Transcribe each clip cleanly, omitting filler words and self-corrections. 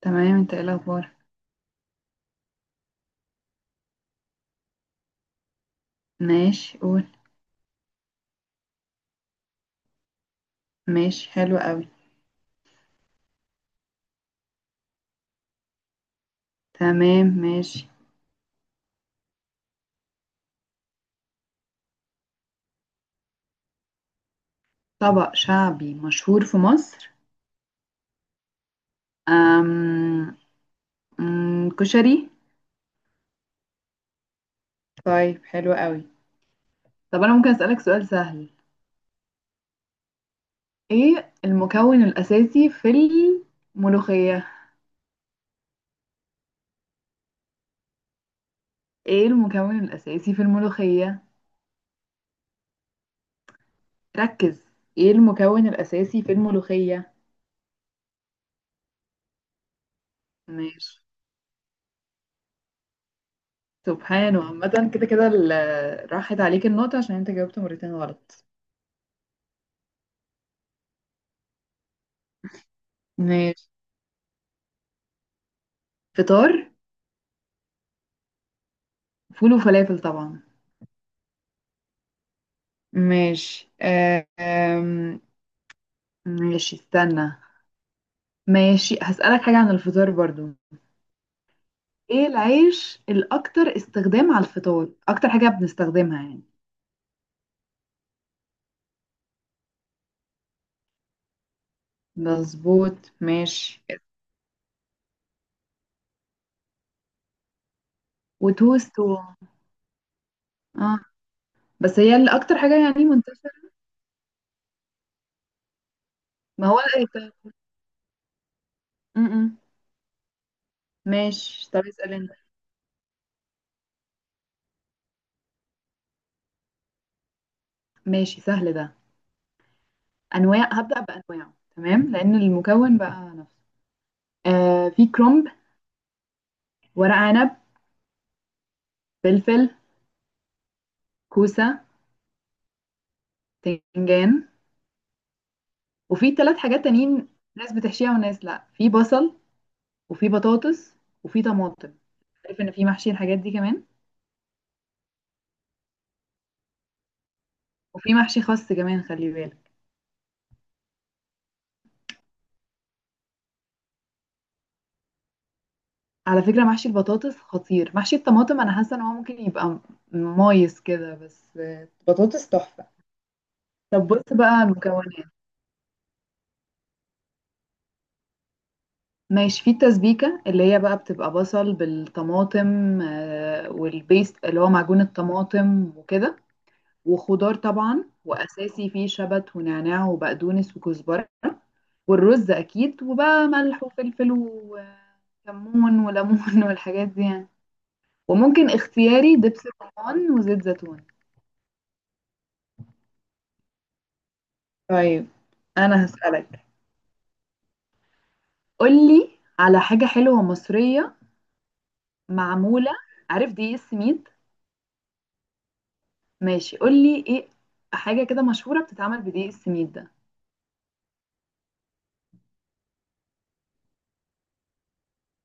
تمام، انت ايه الاخبار؟ ماشي، قول. ماشي حلو قوي. تمام ماشي. طبق شعبي مشهور في مصر. أم... كشري. طيب حلو قوي. طب انا ممكن اسالك سؤال سهل. ايه المكون الاساسي في الملوخية؟ ايه المكون الاساسي في الملوخية؟ ركز. ايه المكون الاساسي في الملوخية؟ ماشي. سبحانه، عامة كده كده راحت عليك النقطة عشان انت جاوبت مرتين غلط. ماشي. فطار. فول وفلافل طبعا. ماشي. آه، آم، ماشي استنى. ماشي هسألك حاجة عن الفطار برضو. ايه العيش الأكتر استخدام على الفطار، أكتر حاجة بنستخدمها يعني؟ مظبوت ماشي. وتوست اه، بس هي اللي أكتر حاجة يعني منتشرة. ما هو الأيت. م- م. ماشي، طب اسأل انت. ماشي، سهل ده. أنواع، هبدأ بأنواعه، تمام، لأن المكون بقى نفسه. في كرومب. ورق عنب. فلفل. كوسة. وبتنجان. وفي ثلاث حاجات تانيين، ناس بتحشيها وناس لا. في بصل. وفي بطاطس. وفي طماطم. عارف ان في محشي الحاجات دي كمان. وفي محشي خس كمان، خلي بالك. على فكرة محشي البطاطس خطير. محشي الطماطم انا حاسة ان هو ممكن يبقى مايس كده، بس بطاطس تحفة. طب بص بقى المكونات. ماشي. في التسبيكة اللي هي بقى بتبقى بصل بالطماطم، والبيست اللي هو معجون الطماطم وكده. وخضار طبعا، واساسي فيه شبت ونعناع وبقدونس وكزبره. والرز اكيد. وبقى ملح وفلفل وكمون وليمون والحاجات دي يعني. وممكن اختياري دبس رمان وزيت زيتون. طيب انا هسألك. قولي على حاجة حلوة مصرية معمولة. عارف دقيق السميد؟ ماشي، قولي ايه حاجة كده مشهورة بتتعمل بدقيق السميد ده.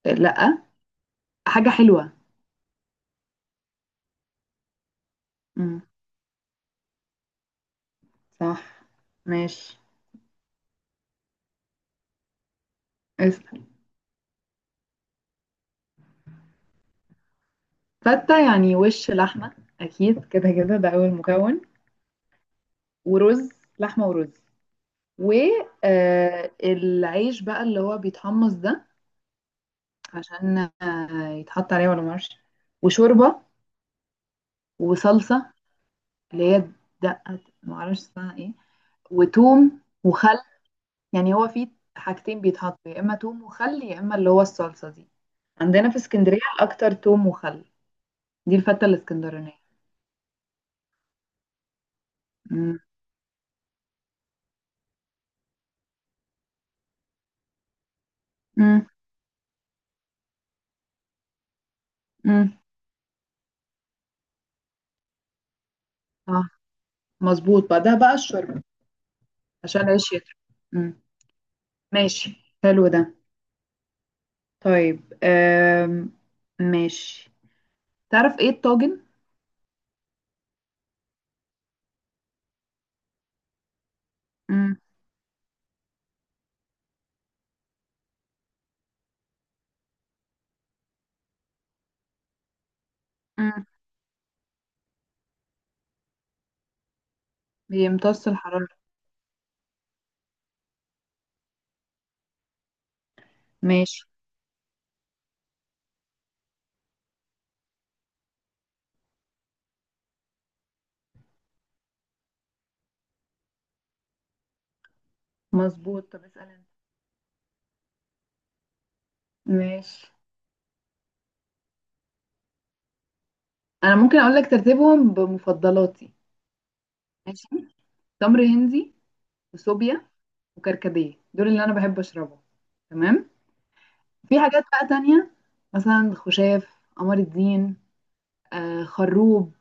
لا، حاجة حلوة. امم صح. ماشي. اسأل. فتة يعني وش لحمة أكيد، كده كده ده أول مكون. ورز. لحمة ورز. والعيش بقى اللي هو بيتحمص ده، عشان يتحط عليه ولا معرفش. وشوربة. وصلصة اللي هي دقة معرفش اسمها ايه. وتوم وخل. يعني هو فيه حاجتين بيتحطوا، يا إما توم وخل يا إما اللي هو الصلصة دي. عندنا في اسكندرية الأكتر توم وخل. دي الفتة الاسكندرانية. مم. مم. مم. اه، مظبوط. بعدها بقى الشوربة، عشان العيش يطرى. مم. ماشي حلو ده. طيب ماشي. تعرف ايه الطاجن؟ مم. مم. بيمتص الحرارة. ماشي. مظبوط، طب اسأل انت. ماشي. انا ممكن اقول لك ترتيبهم بمفضلاتي. ماشي. تمر هندي. وصوبيا. وكركديه. دول اللي انا بحب اشربهم. تمام. في حاجات بقى تانية، مثلا خشاف قمر الدين، خروب،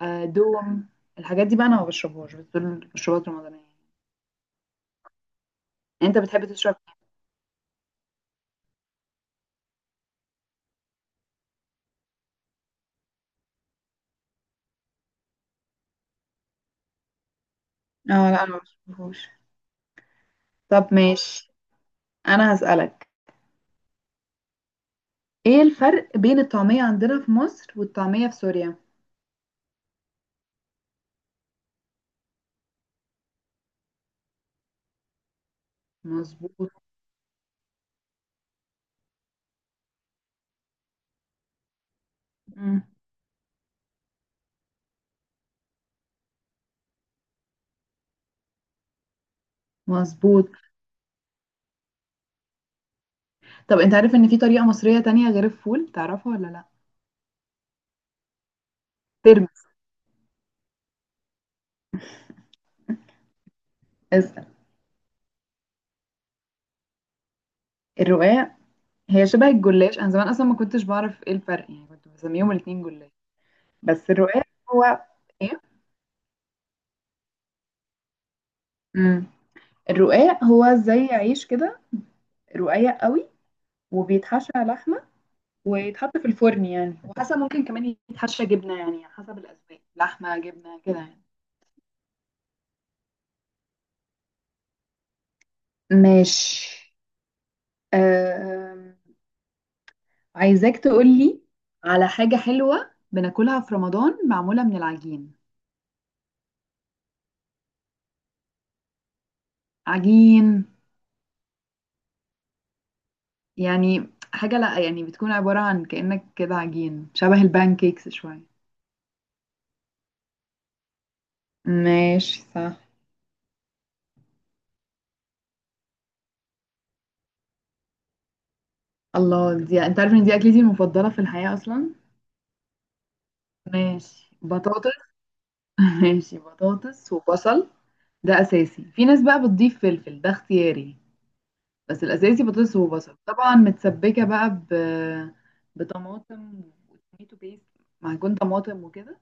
دوم. الحاجات دي بقى انا ما بشربهاش، بس دول مشروبات رمضانية. انت بتحب تشرب؟ اه لا، انا ما بشوفوش. طب ماشي، انا هسألك. ايه الفرق بين الطعمية عندنا في مصر والطعمية في سوريا؟ مظبوط. مم. مظبوط. طب انت عارف ان في طريقة مصرية تانية غير الفول، تعرفها ولا لا؟ ترمس. اسأل. الرقاق. هي شبه الجلاش، انا زمان اصلا ما كنتش بعرف ايه الفرق، يعني كنت بسميهم الاتنين جلاش. بس الرقاق هو ايه. امم الرقاق هو زي عيش كده، رقيق قوي، وبيتحشى لحمة، ويتحط في الفرن يعني. وحسب، ممكن كمان يتحشى جبنة يعني، حسب الأذواق، لحمة جبنة كده يعني. ماشي. أم... عايزاك تقولي على حاجة حلوة بناكلها في رمضان، معمولة من العجين. عجين يعني حاجة، لأ، يعني بتكون عبارة عن كأنك كده عجين شبه البانكيكس شوية. ماشي صح. الله، دي انت عارف ان دي اكلتي المفضلة في الحياة اصلا. ماشي، بطاطس. ماشي، بطاطس وبصل ده اساسي. في ناس بقى بتضيف فلفل، ده اختياري. بس الاساسي بطاطس وبصل طبعا، متسبكه بقى بطماطم، وتوميتو بيست، معجون طماطم وكده.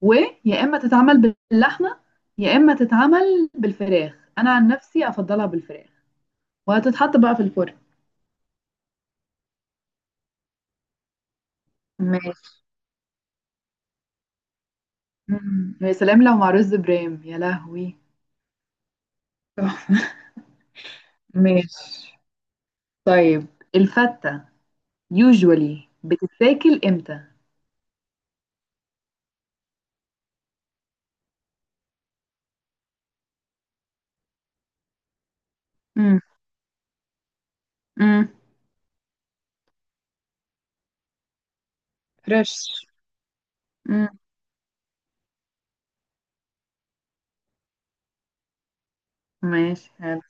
ويا اما تتعمل باللحمه، يا اما تتعمل بالفراخ. انا عن نفسي افضلها بالفراخ. وهتتحط بقى في الفرن. ماشي. مم. يا سلام لو مع رز برام، يا لهوي. تحفة. ماشي، طيب الفتة usually بتتاكل امتى؟ امم. امم. فريش. امم. ماشي حلو.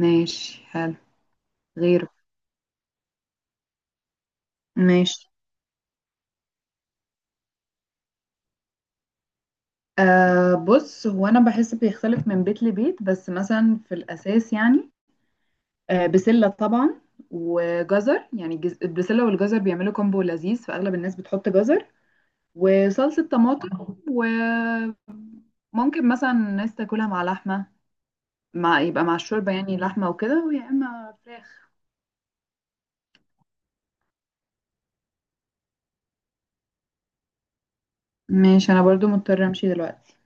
ماشي حلو. غيره. ماشي. بص، هو انا بحس بيختلف من بيت لبيت، بس مثلا في الاساس يعني بسله طبعا، وجزر، يعني البسله والجزر بيعملوا كومبو لذيذ، فاغلب الناس بتحط جزر. وصلصه طماطم. وممكن مثلا الناس تاكلها مع لحمه، مع يبقى مع الشوربه يعني، لحمه وكده، ويا اما فراخ. ماشي، انا برضو مضطره امشي دلوقتي.